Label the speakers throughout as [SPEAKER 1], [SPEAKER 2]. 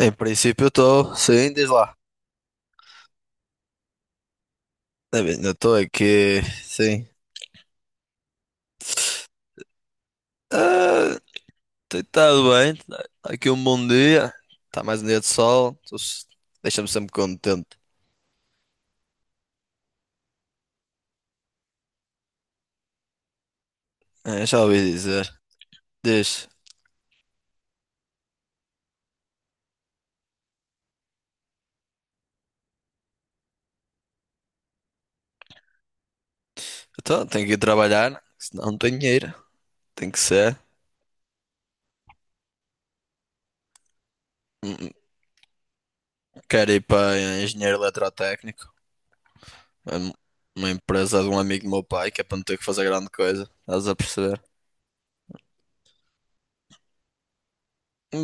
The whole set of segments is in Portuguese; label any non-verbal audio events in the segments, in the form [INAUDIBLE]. [SPEAKER 1] Em princípio estou sim, diz lá. É bem, eu estou aqui, sim. Ah, tem estado bem, tá aqui um bom dia, está mais um dia de sol, deixa-me sempre contente. É, já ouvi dizer. Diz. Então tenho que ir trabalhar, né? Senão não tenho dinheiro, tem que ser. Hum. Quero ir para engenheiro eletrotécnico, é um- uma empresa de um amigo do meu pai, que é para não ter que fazer grande coisa, estás a perceber?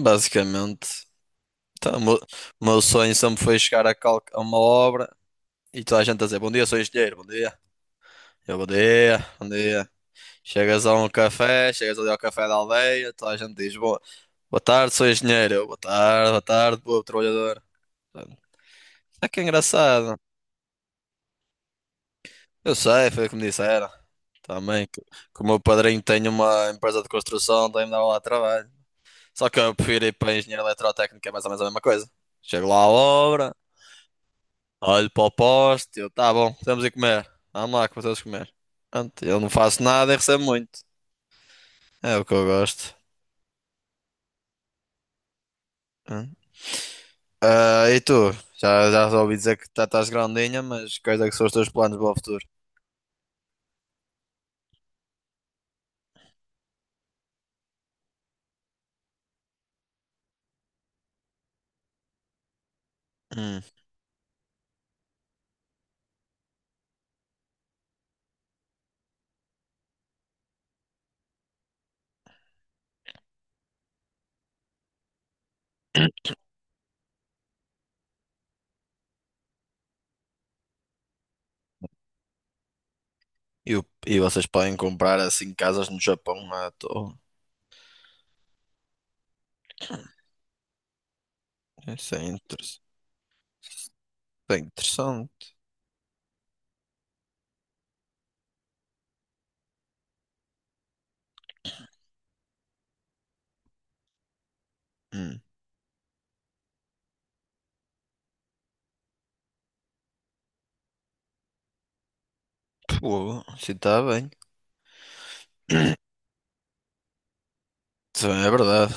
[SPEAKER 1] Basicamente. Então, o meu sonho sempre foi chegar a uma obra e toda a gente a dizer bom dia, sou engenheiro, bom dia. Eu, bom dia, bom dia. Chegas a um café, chegas ali ao café da aldeia, toda a gente diz boa, boa tarde, sou engenheiro. Eu, boa tarde, boa tarde, boa trabalhador. Portanto, é que é engraçado. Eu sei, foi o que me disseram. Também, que o meu padrinho tem uma empresa de construção, também me dava lá trabalho. Só que eu prefiro ir para engenheiro eletrotécnico, é mais ou menos a mesma coisa. Chego lá à obra. Olho para o poste, eu, tá bom, estamos a comer. Vamos lá que vocês comer. Pronto, eu não faço nada e recebo muito. É o que eu gosto. Hum. Ah, e tu? Já ouvi dizer que já estás grandinha, mas quais é que são os teus planos para o futuro? Hum. E vocês podem comprar assim casas no Japão à toa? Isso é interessante. Bem interessante. Hum. Pô, se está bem. [COUGHS] [CLEARS THROAT] Isso é verdade.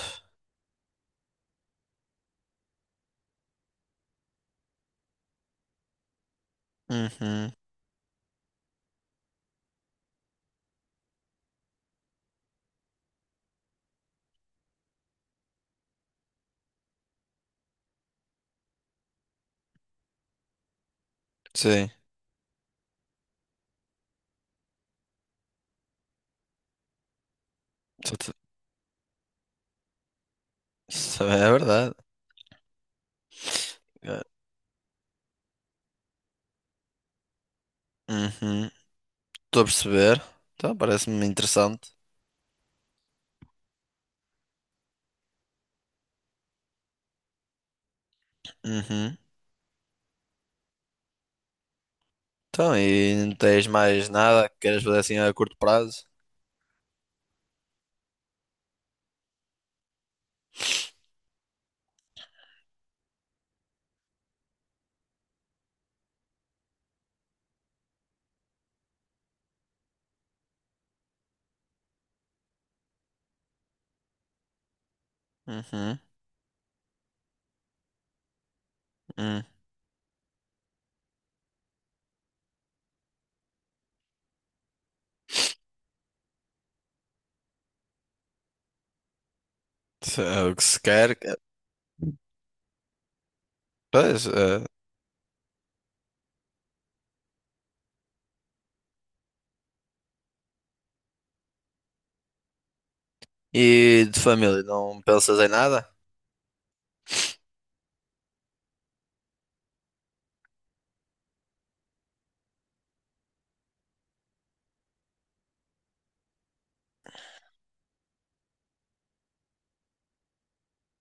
[SPEAKER 1] Uhum. Sim. Isso isso é verdade. É. Uhum. Estou a perceber. Então, parece-me interessante. Uhum. Então, e não tens mais nada que queiras fazer assim a curto prazo? Uhum. Hum. Se é o que se quer. É. Pois, é. E de família, não pensas em nada?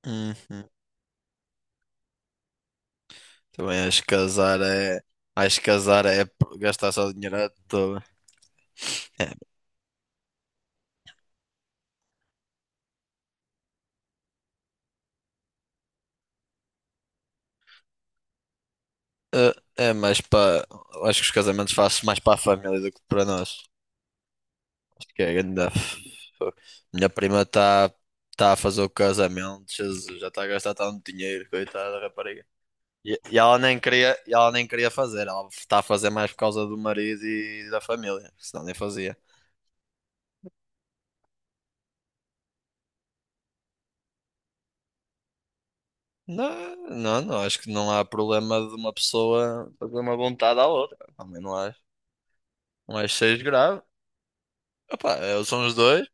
[SPEAKER 1] Uhum. Também acho que casar é. Acho que casar é gastar só dinheiro à toa. É, é mais para. Acho que os casamentos fazem mais para a família do que para nós. Que é grande. Minha prima está tá a fazer o casamento, Jesus, já está a gastar tanto dinheiro, coitada da rapariga. E ela nem queria fazer, ela está a fazer mais por causa do marido e da família, senão nem fazia. Não, não, não, acho que não há problema de uma pessoa fazer uma vontade à outra. Também não acho que seja grave. Opa, são os dois,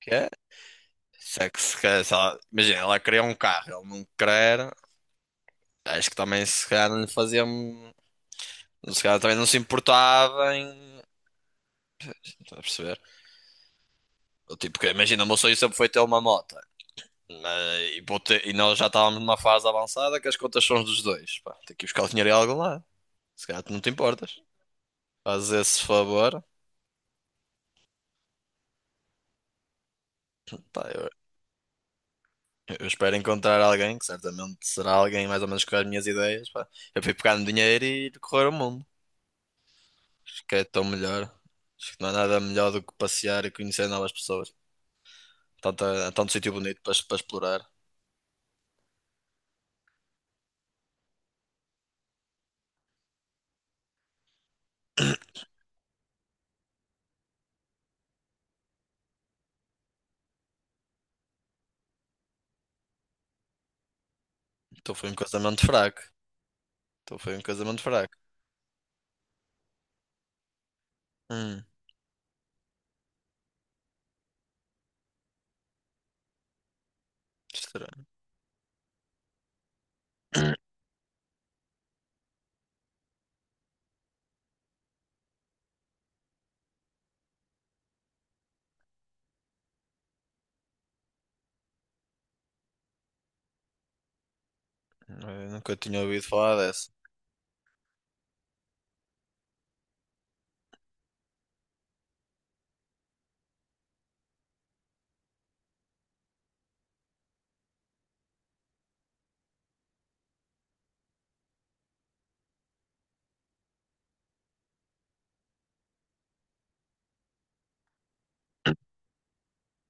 [SPEAKER 1] que é? Se é que se quer, se ela- imagina, ela queria um carro, ele não quer, acho que também se calhar não lhe fazia. Se calhar também não se importava em. Estás a perceber? Eu, tipo, que imagina, o meu sonho sempre foi ter uma moto. E nós já estávamos numa fase avançada que as contas são dos dois. Pá, tem que ir buscar o dinheiro em algum lado. Se calhar tu não te importas. Faz esse favor. Pá, eu espero encontrar alguém que certamente será alguém mais ou menos com as minhas ideias. Pá. Eu fui pegar no dinheiro e ir correr o mundo. Acho que é tão melhor. Acho que não há nada melhor do que passear e conhecer novas pessoas. Tanto, tanto sítio bonito para explorar. [COUGHS] Então foi um casamento fraco. Então foi um casamento fraco. Hum, estranho. [CLEARS THROAT] Eu nunca tinha ouvido falar dessa.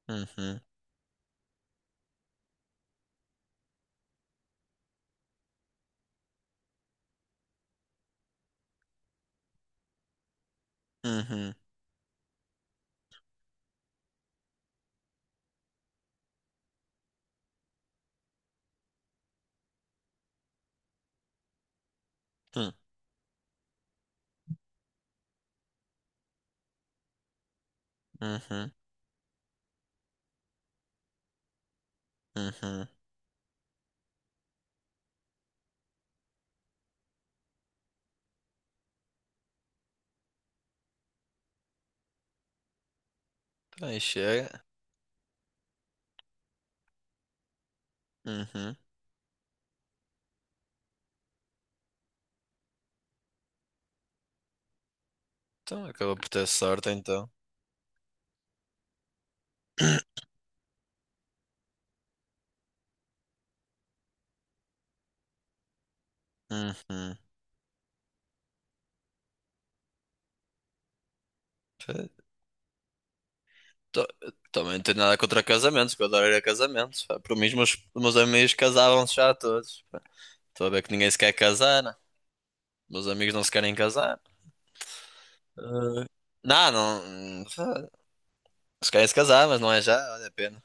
[SPEAKER 1] Uhum, uhum, hum, uhum, uhum. Então aí chega. Uhum. Então acaba por ter sorte então. [CLEARS THROAT] Uhum. Fe- to- Também não tenho nada contra casamentos, que eu adoro ir a casamentos, pá. Por mim, os meus amigos casavam-se já todos, pá. Estou a ver que ninguém se quer casar, né? Meus amigos não se querem casar. Eh, Não, não. hum, Se querem se casar, mas não é já, vale a pena.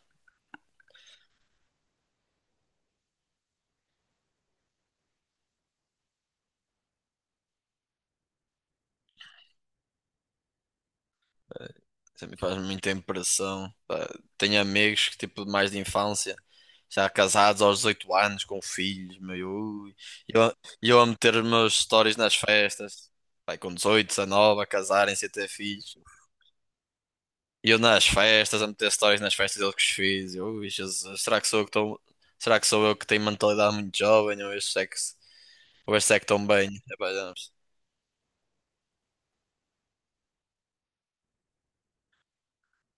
[SPEAKER 1] Sempre faz muita impressão, pá. Tenho amigos que, tipo, mais de infância, já casados aos 18 anos, com filhos, meu. Ui. E eu, e eu a meter os meus stories nas festas, vai com 18, 19 a casarem-se e a ter filhos. E eu nas festas, a meter stories nas festas deles que os fiz. Eu, ui, Jesus, será que sou eu que estou. Será que sou eu que tenho mentalidade muito jovem? Ou estes é que, ou estes é que estão bem? Epá, já não perce-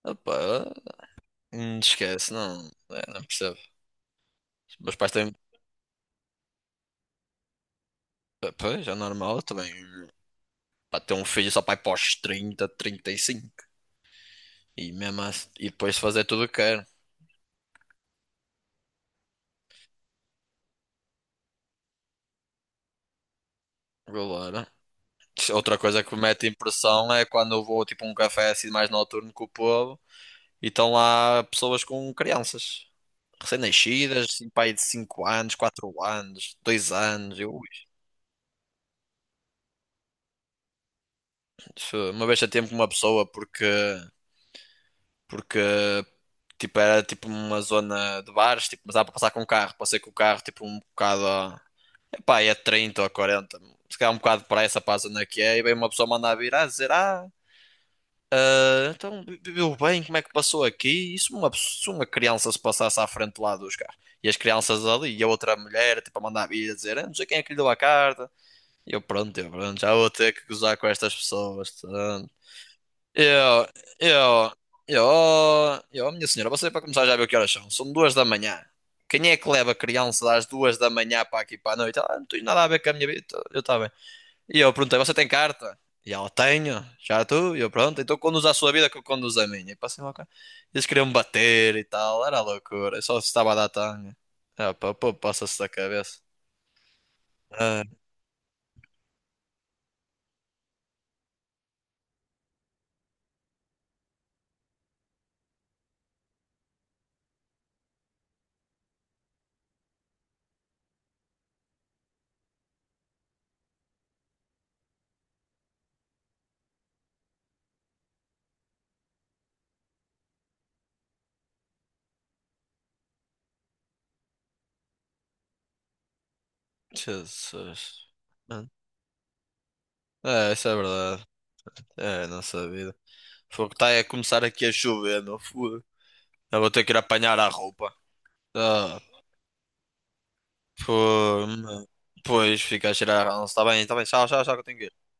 [SPEAKER 1] Opa, não esquece, não, é, não percebo. Os meus pais têm. Pois, é normal, eu também. Pra ter um filho só pra ir pós 30, 35. E cinco. E mesmo assim, e depois fazer tudo o que quero. Agora. Outra coisa que me mete impressão é quando eu vou tipo a um café assim mais noturno com o povo e estão lá pessoas com crianças. Recém-nascidas, assim, pai de 5 anos, 4 anos, 2 anos. Eu, ui, uma vez a tempo com uma pessoa porque, porque tipo, era tipo uma zona de bares, tipo, mas dá para passar com o carro. Passei com o carro tipo um bocado pá, é 30 ou quarenta. Se calhar um bocado de pressa para a zona que é, e vem uma pessoa mandar vir a dizer: Ah, ah, então viveu bem, como é que passou aqui? E se uma criança se passasse à frente lá dos carros? E as crianças ali, e a outra mulher, tipo, a mandar vir a dizer: ah, não sei quem é que lhe deu a carta. E eu, pronto, já vou ter que gozar com estas pessoas, portanto. Eu, eu, eu, eu, minha senhora, você para começar já viu que horas são? São 2 da manhã. Quem é que leva a criança às 2 da manhã para aqui para a noite? Ah, não tenho nada a ver com a minha vida. Eu estava bem. E eu perguntei, você tem carta? E ela, tenho, já tu? E eu, pronto, então conduz a sua vida que eu conduzo a minha. E passei lá o carro. Eles queriam me bater e tal, era loucura, eu só estava a dar tanga. Ah, pá, pô, passa-se da cabeça. Ah, Jesus. Mano, é, isso é verdade. É, a nossa vida. Fogo, tá a começar aqui a chover, meu fogo. Eu vou ter que ir apanhar a roupa. Ah, fogo, mano. Pois, fica a cheirar a ranço. Tá bem, tchau, tchau, tchau, que eu tenho que ir.